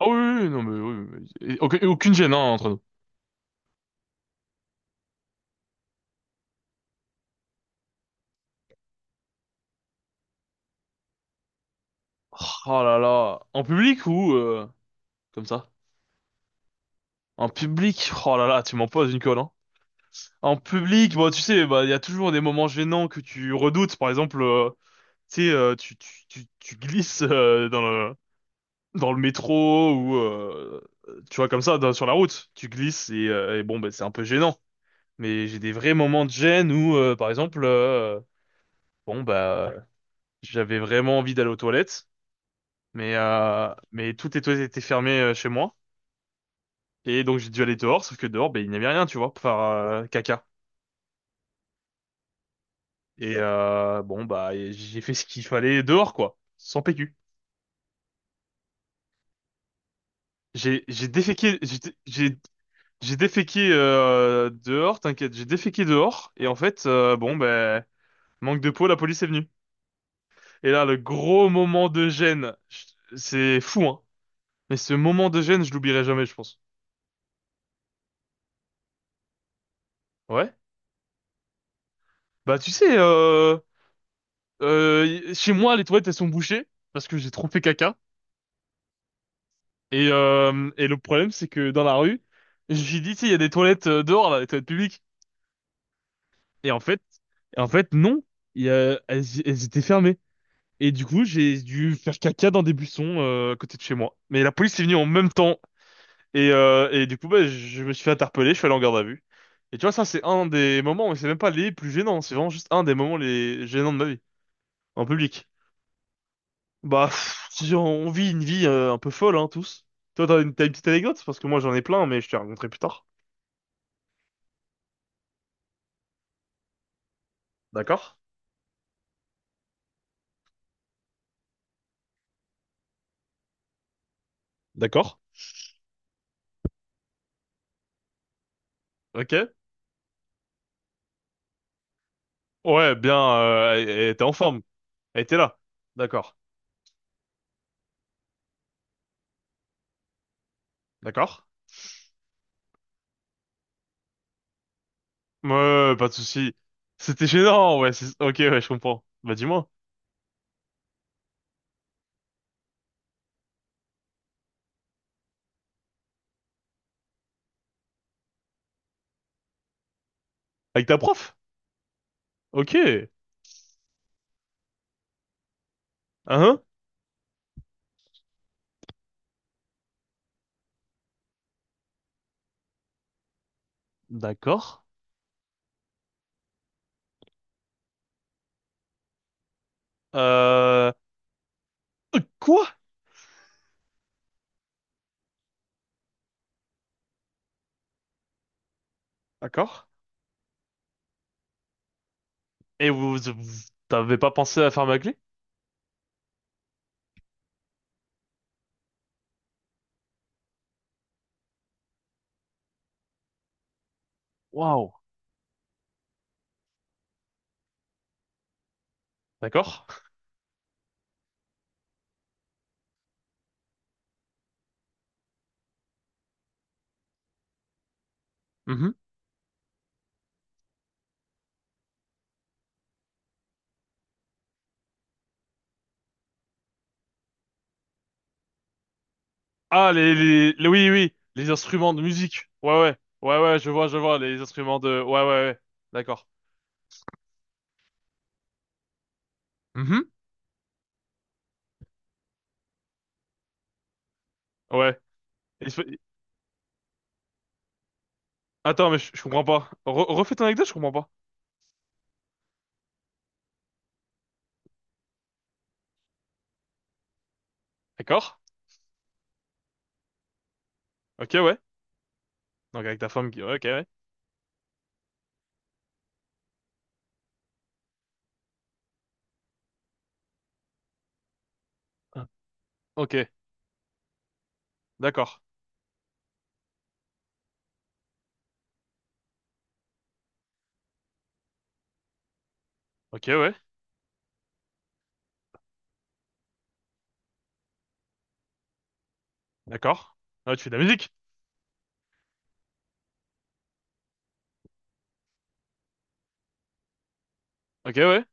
Ah oui, oui, oui, non, mais oui, oui, oui. Et aucun- et Aucune gêne, hein, entre nous. Oh là là. En public ou comme ça? En public, oh là là, tu m'en poses une colle, hein. En public, bon, tu sais, bah, il y a toujours des moments gênants que tu redoutes. Par exemple, tu sais, tu glisses dans le métro ou, tu vois, comme ça, sur la route. Tu glisses et bon, bah, c'est un peu gênant. Mais j'ai des vrais moments de gêne où, par exemple, bon, bah, j'avais vraiment envie d'aller aux toilettes. Mais tout était fermé chez moi. Et donc j'ai dû aller dehors, sauf que dehors, ben, il n'y avait rien, tu vois, pour faire caca. Et bon, bah, et j'ai fait ce qu'il fallait dehors, quoi, sans PQ. J'ai déféqué, j'ai déféqué dehors, t'inquiète, j'ai déféqué dehors. Et en fait, bon, ben, manque de peau, la police est venue. Et là, le gros moment de gêne, c'est fou, hein. Mais ce moment de gêne, je l'oublierai jamais, je pense. Ouais. Bah, tu sais, Euh, chez moi, les toilettes, elles sont bouchées parce que j'ai trop fait caca. Et le problème, c'est que dans la rue, je me suis dit, tu sais, il y a des toilettes dehors, là, des toilettes publiques. Et en fait, non, elles étaient fermées. Et du coup, j'ai dû faire caca dans des buissons à côté de chez moi. Mais la police est venue en même temps. Et du coup, bah, je me suis fait interpeller, je suis allé en garde à vue. Et tu vois, ça, c'est un des moments, mais c'est même pas les plus gênants, c'est vraiment juste un des moments les gênants de ma vie, en public. Bah, pff, si on vit une vie un peu folle, hein, tous. Toi, t'as une petite anecdote? Parce que moi, j'en ai plein, mais je te raconterai plus tard. D'accord? D'accord? Ok. Ouais, bien, elle était en forme. Elle était là. D'accord. D'accord? Ouais, pas de souci. C'était gênant, ouais. Ok, ouais, je comprends. Bah, dis-moi. Avec ta prof? Ok. Hein? D'accord. Euh... Quoi? D'accord. Et t'avais pas pensé à faire ma clé? Waouh. D'accord. Ah, oui, oui, les instruments de musique. Ouais, ouais, ouais, ouais, je vois, les instruments de, ouais, ouais, ouais, d'accord, Mhm. Ouais. Il se fait- Attends, mais je comprends pas. Refais ton anecdote, je comprends pas. D'accord, ok, ouais. Donc avec ta femme qui, ouais, ok, ouais. Ah. Ok, d'accord, ok, ouais, d'accord. Ah, tu fais de la musique, ok, ouais,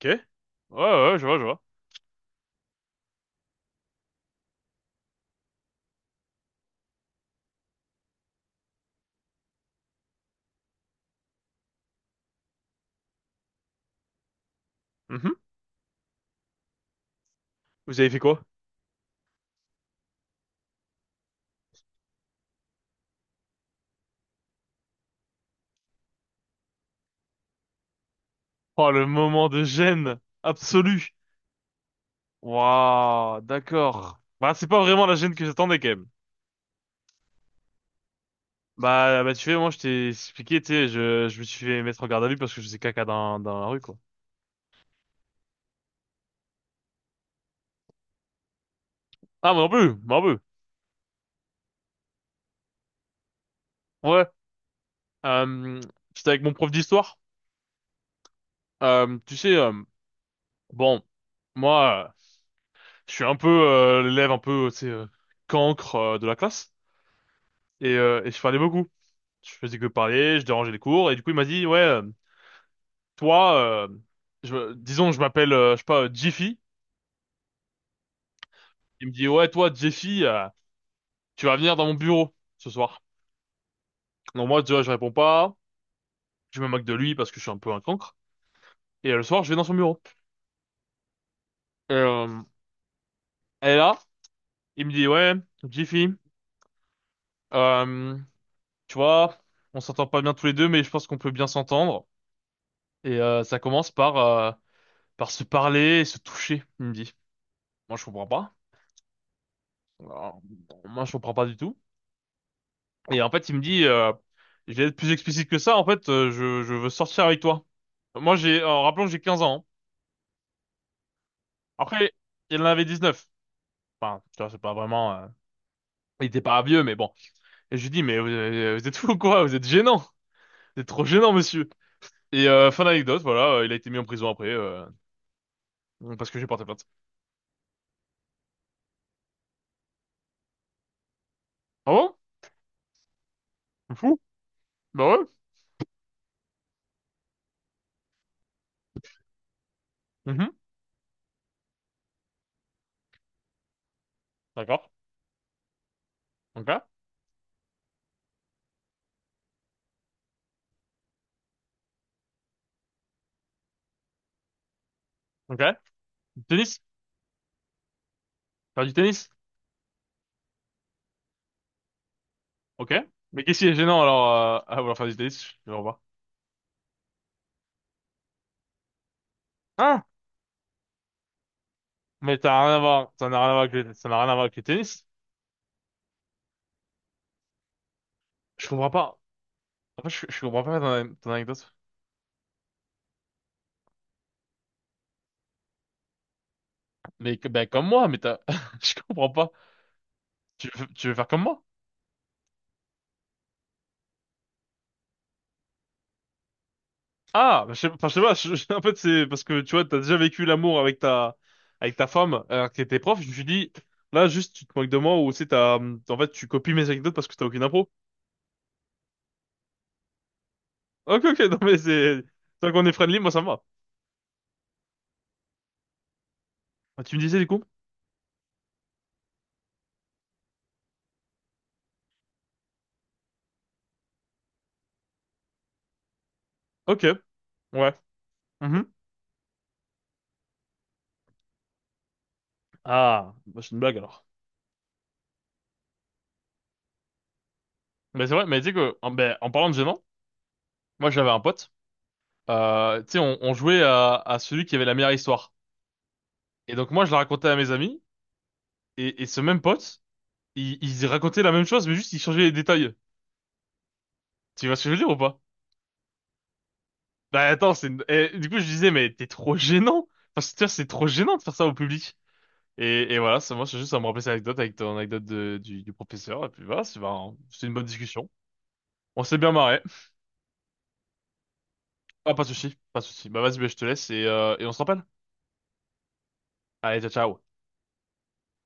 ok. Ouais, ouais, je vois, je vois. Mhm. Vous avez fait quoi? Oh, le moment de gêne absolu. Waouh, d'accord. Bah, c'est pas vraiment la gêne que j'attendais, quand même. Bah, bah, tu sais, moi, je t'ai expliqué, tu sais, je me suis fait mettre en garde à vue parce que je faisais caca dans la rue, quoi. Ah, moi non plus, moi non plus. Ouais. Euh, c'était avec mon prof d'histoire. Tu sais, bon, moi, je suis un peu l'élève un peu, tu sais, cancre de la classe. Et je parlais beaucoup. Je faisais que parler, je dérangeais les cours. Et du coup, il m'a dit, ouais, toi, je, disons, que je m'appelle, je sais pas, Jiffy. Il me dit, ouais, toi, Jiffy, tu vas venir dans mon bureau ce soir. Donc moi, tu vois, je réponds pas. Je me moque de lui parce que je suis un peu un cancre. Et le soir, je vais dans son bureau. Et, euh, elle est là. Il me dit, ouais, Jiffy, euh, tu vois, on s'entend pas bien tous les deux, mais je pense qu'on peut bien s'entendre. Et ça commence par, par se parler et se toucher, il me dit. Moi, je comprends pas. Alors, bon, moi, je comprends pas du tout. Et en fait, il me dit, je vais être plus explicite que ça. En fait, je veux sortir avec toi. Moi, en rappelant que j'ai 15 ans, hein. Après, il en avait 19. Enfin, tu vois, c'est pas vraiment, il était pas vieux, mais bon. Et je lui dis, mais vous êtes fou ou quoi? Vous êtes gênant. Vous êtes trop gênant, monsieur. Et fin d'anecdote, voilà, il a été mis en prison après, parce que j'ai porté plainte. Ah bon? T'es fou? Bah ouais. Mhm. D'accord. Ok. Ok. Du tennis? Faire du tennis? Ok. Mais qu'est-ce qui est gênant alors à vouloir faire du tennis? Je vois pas. Ah! Mais t'as rien à voir, ça n'a rien à voir ça n'a rien à voir avec le tennis. Je comprends pas. En fait, je comprends pas ton anecdote. Mais ben, comme moi, mais je comprends pas. Tu veux faire comme moi? Ah, bah, je sais, enfin, je sais pas, en fait, c'est parce que tu vois, t'as déjà vécu l'amour avec ta, femme, alors que t'étais prof, je me suis dit, là, juste, tu te moques de moi, ou c'est t'as, en fait, tu copies mes anecdotes parce que t'as aucune impro. Ok, ok, non, mais tant qu'on est friendly, moi, ça me va. Ah, tu me disais, du coup? Ok, ouais. Mhm. Ah, bah, c'est une blague, alors. Mais c'est vrai, mais tu sais que, en parlant de gênant, moi, j'avais un pote, tu sais, on jouait à celui qui avait la meilleure histoire. Et donc, moi, je la racontais à mes amis, et ce même pote, il racontait la même chose, mais juste, il changeait les détails. Tu vois ce que je veux dire ou pas? Bah attends, c'est du coup je disais mais t'es trop gênant. Enfin, c'est tu vois, c'est trop gênant de faire ça au public. Et voilà, ça, moi c'est juste à me rappeler cette anecdote avec ton anecdote du professeur. Et puis voilà, c'est ben, c'est une bonne discussion. On s'est bien marré. Ah pas de souci, pas de souci. Bah vas-y, bah, je te laisse et on se rappelle. Allez, ciao ciao.